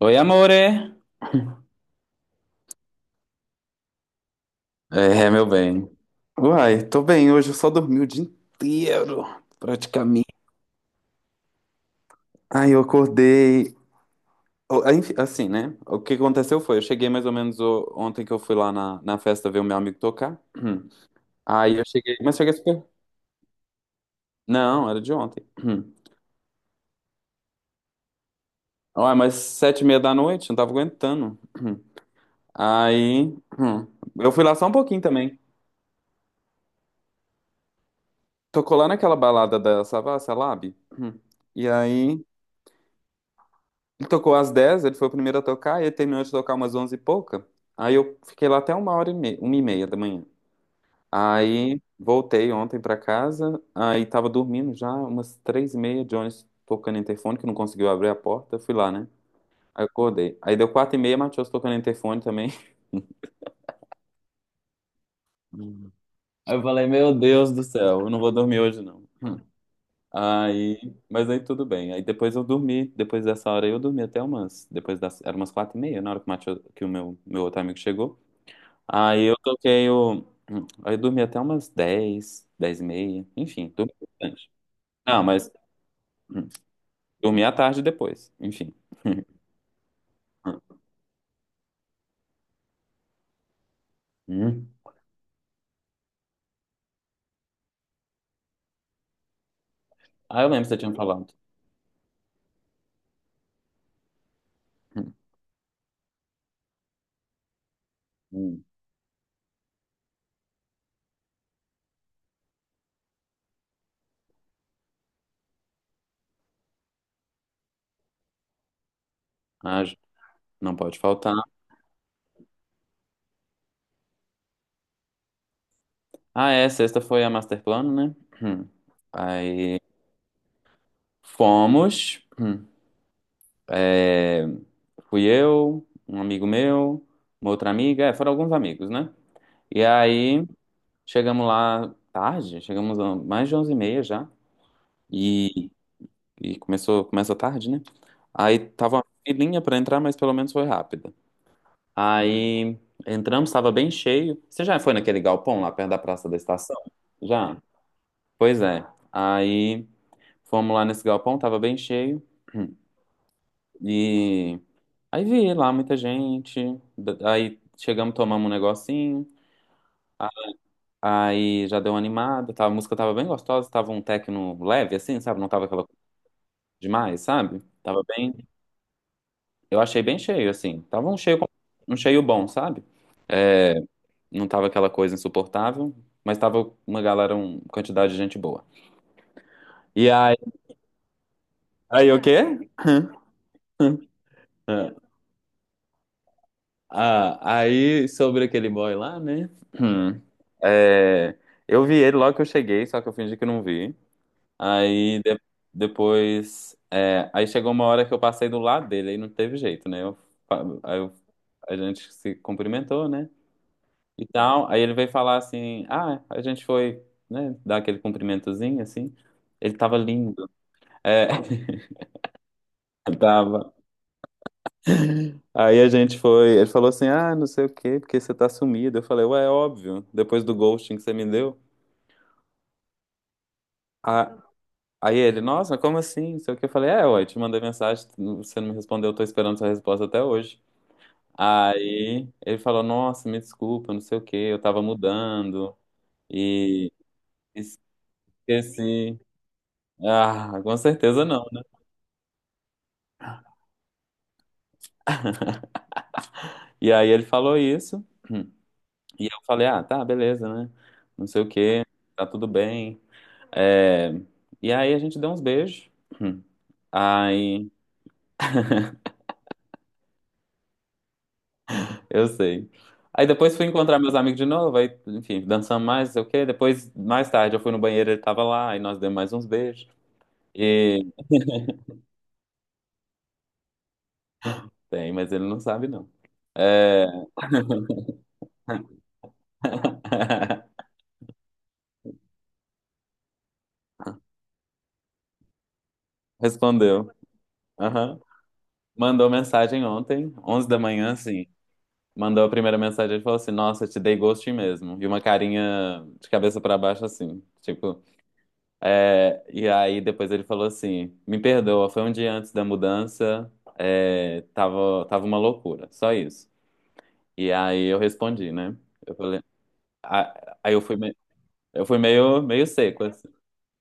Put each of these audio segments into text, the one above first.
Oi, amore. É, meu bem. Uai, tô bem. Hoje eu só dormi o dia inteiro, praticamente. Ai, eu acordei. Aí, enfim, assim, né? O que aconteceu foi, eu cheguei mais ou menos ontem que eu fui lá na festa ver o meu amigo tocar. Hum. Aí eu cheguei, mas cheguei super. Não, era de ontem. Hum. Uai, mas 7h30 da noite, não tava aguentando. Hum. Aí, hum, eu fui lá só um pouquinho também. Tocou lá naquela balada da Savassi, a Lab. Hum. E aí, ele tocou às 10h, ele foi o primeiro a tocar, e ele terminou de tocar umas 11 e pouca. Aí eu fiquei lá até 1h30, 1h30 da manhã. Aí voltei ontem pra casa, aí tava dormindo já, umas 3h30, Jones tocando interfone, que não conseguiu abrir a porta, fui lá, né? Aí eu acordei. Aí deu 4h30, Matheus tocando interfone também. Hum. Aí eu falei, meu Deus do céu, eu não vou dormir hoje não. Hum. Aí, mas aí tudo bem. Aí depois eu dormi, depois dessa hora aí eu dormi até umas, depois das, era umas 4h30, na hora que o Matheus, que o meu outro amigo chegou. Aí eu toquei o. Aí eu dormi até umas 10h 10h30. Enfim, dormi bastante. Não, mas hum, dormi à tarde depois. Enfim. Hum. Ah, eu lembro que você tinha falado. Hum, hum. Ah, não pode faltar. Ah, é, sexta foi a Master Plano, né? Hum. Aí fomos. Hum. É, fui eu, um amigo meu, uma outra amiga, é, foram alguns amigos, né? E aí chegamos lá tarde, chegamos a mais de 11h30 já. E E começou, começa tarde, né? Aí tava uma filinha pra entrar, mas pelo menos foi rápida. Aí entramos, tava bem cheio. Você já foi naquele galpão lá perto da Praça da Estação? Já? Pois é. Aí fomos lá nesse galpão, tava bem cheio. E aí vi lá muita gente. Aí chegamos, tomamos um negocinho. A- Aí já deu uma animada. Tava, a música tava bem gostosa, tava um techno leve, assim, sabe? Não tava aquela coisa demais, sabe? Tava bem. Eu achei bem cheio, assim. Tava um cheio bom, sabe? Não tava aquela coisa insuportável, mas tava uma galera, uma quantidade de gente boa. E aí, aí o quê? Ah, ah, aí sobre aquele boy lá, né? Hum. É, eu vi ele logo que eu cheguei, só que eu fingi que não vi. Aí depois, é, aí chegou uma hora que eu passei do lado dele, aí não teve jeito, né? Eu, fa- aí eu- A gente se cumprimentou, né? E tal. Aí ele veio falar assim: ah, a gente foi, né, dar aquele cumprimentozinho assim. Ele tava lindo. É, tava. Aí a gente foi, ele falou assim: ah, não sei o quê, porque você tá sumido. Eu falei: ué, é óbvio, depois do ghosting que você me deu. Ah, aí ele: nossa, como assim? Não sei o que. Eu falei: é, ué, te mandei mensagem, você não me respondeu, eu tô esperando sua resposta até hoje. Aí ele falou: nossa, me desculpa, não sei o que, eu tava mudando e esqueci. Ah, com certeza não. E aí ele falou isso, e eu falei, ah, tá, beleza, né? Não sei o quê, tá tudo bem. É, e aí a gente deu uns beijos. Aí, eu sei. Aí depois fui encontrar meus amigos de novo, aí, enfim, dançamos mais, não sei o quê. Depois, mais tarde, eu fui no banheiro, ele tava lá, aí nós demos mais uns beijos. E tem, mas ele não sabe, não. É... Respondeu. Aham. Mandou mensagem ontem, 11h da manhã, assim. Mandou a primeira mensagem e falou assim: nossa, te dei ghosting mesmo. E uma carinha de cabeça pra baixo assim, tipo. É, e aí depois ele falou assim: me perdoa, foi um dia antes da mudança, é, tava uma loucura, só isso. E aí eu respondi, né? Eu falei. Aí eu fui, eu fui meio, meio seco, assim.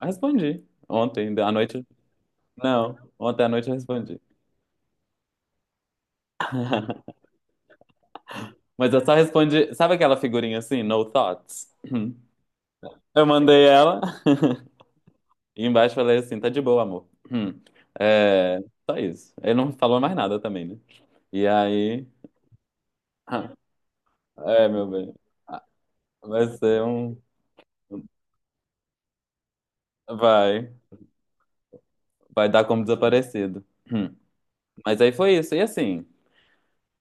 Eu respondi. Ontem, à noite. Não, ontem à noite eu respondi. Mas eu só respondi. Sabe aquela figurinha assim, no thoughts? Eu mandei ela. E embaixo falei assim, tá de boa, amor. Hum. É, só isso. Ele não falou mais nada também, né? E aí. É, meu bem. Vai ser um. Vai. Vai dar como desaparecido. Hum. Mas aí foi isso. E assim,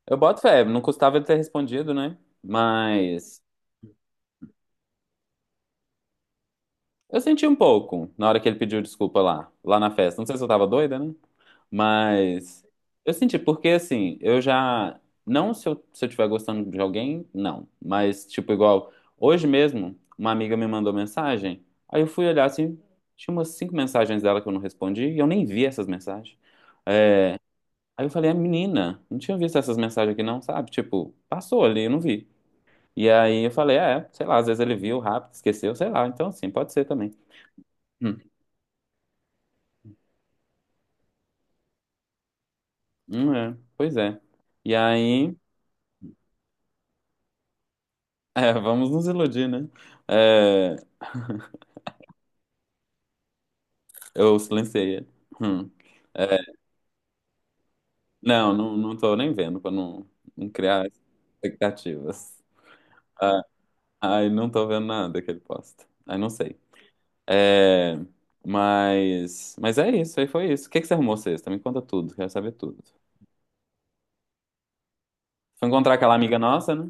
eu boto fé, não custava ele ter respondido, né? Mas eu senti um pouco na hora que ele pediu desculpa lá na festa. Não sei se eu tava doida, né? Mas eu senti, porque assim, eu já. Não se eu tiver gostando de alguém, não. Mas, tipo, igual, hoje mesmo, uma amiga me mandou mensagem. Aí eu fui olhar assim, tinha umas cinco mensagens dela que eu não respondi e eu nem vi essas mensagens. É, aí eu falei, a menina, não tinha visto essas mensagens aqui, não, sabe? Tipo, passou ali, eu não vi. E aí eu falei, é, sei lá, às vezes ele viu rápido, esqueceu, sei lá. Então, assim, pode ser também. Hum, é, pois é. E aí. É, vamos nos iludir, né? É, eu silenciei ele. Hum. É, não, não, não tô nem vendo pra não, não criar expectativas. Ah, ai, não tô vendo nada que ele posta. Ai, não sei. É, mas é isso, aí foi isso. O que que você arrumou sexta? Me conta tudo, quero saber tudo. Foi encontrar aquela amiga nossa, né?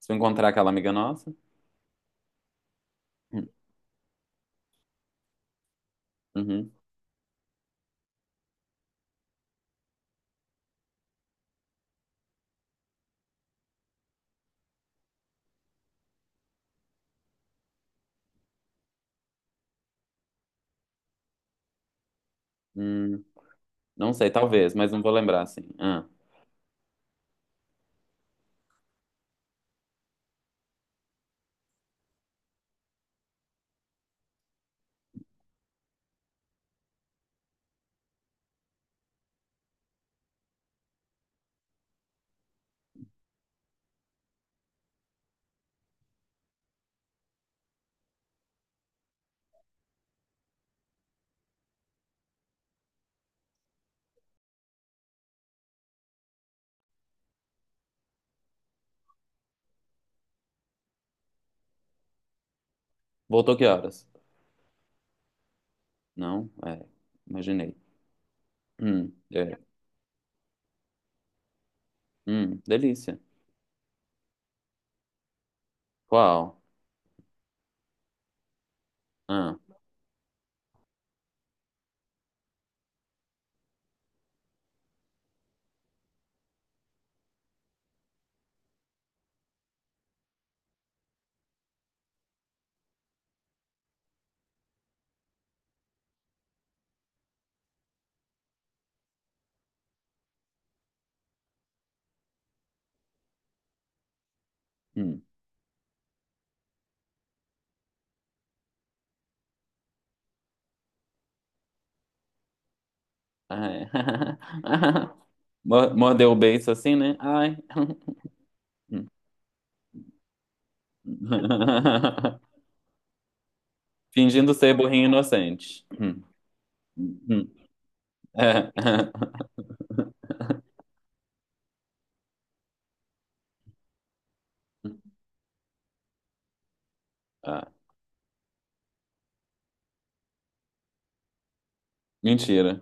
Se eu encontrar aquela amiga nossa. Hum, uhum, hum, não sei, talvez, mas não vou lembrar assim. Ah, voltou que horas? Não? É, imaginei. É. Delícia. Qual? Ah, hum. Ai. Mordeu o beiço assim, né? Ai. Hum. Fingindo ser burrinho inocente. Hum, hum. É. Ah, mentira.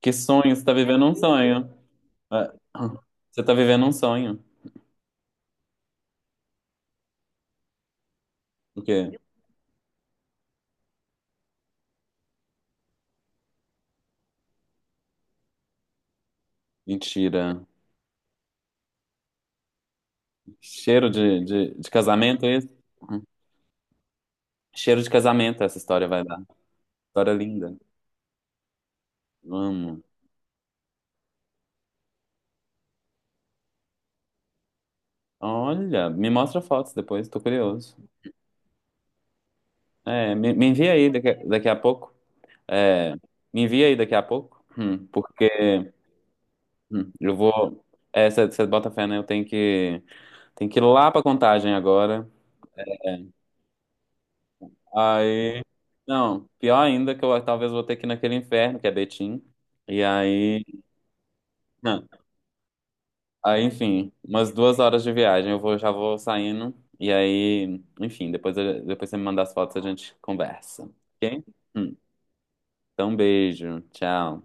Que sonho? Você tá vivendo um sonho. Ah, você tá vivendo um sonho. O quê? Mentira. Cheiro de casamento, é isso? Hum. Cheiro de casamento essa história vai dar. História linda. Amo. Olha, me mostra fotos depois, tô curioso. É, me envia aí daqui a pouco. É, me envia aí daqui a pouco, porque eu vou. É, você bota fé, né? Eu tenho que ir lá pra Contagem agora. Aí. Não, pior ainda que eu talvez vou ter que ir naquele inferno, que é Betim. E aí. Não, aí, enfim, umas 2 horas de viagem. Eu vou, já vou saindo. E aí, enfim, depois, depois você me manda as fotos, a gente conversa. Ok? Hum. Então, um beijo. Tchau.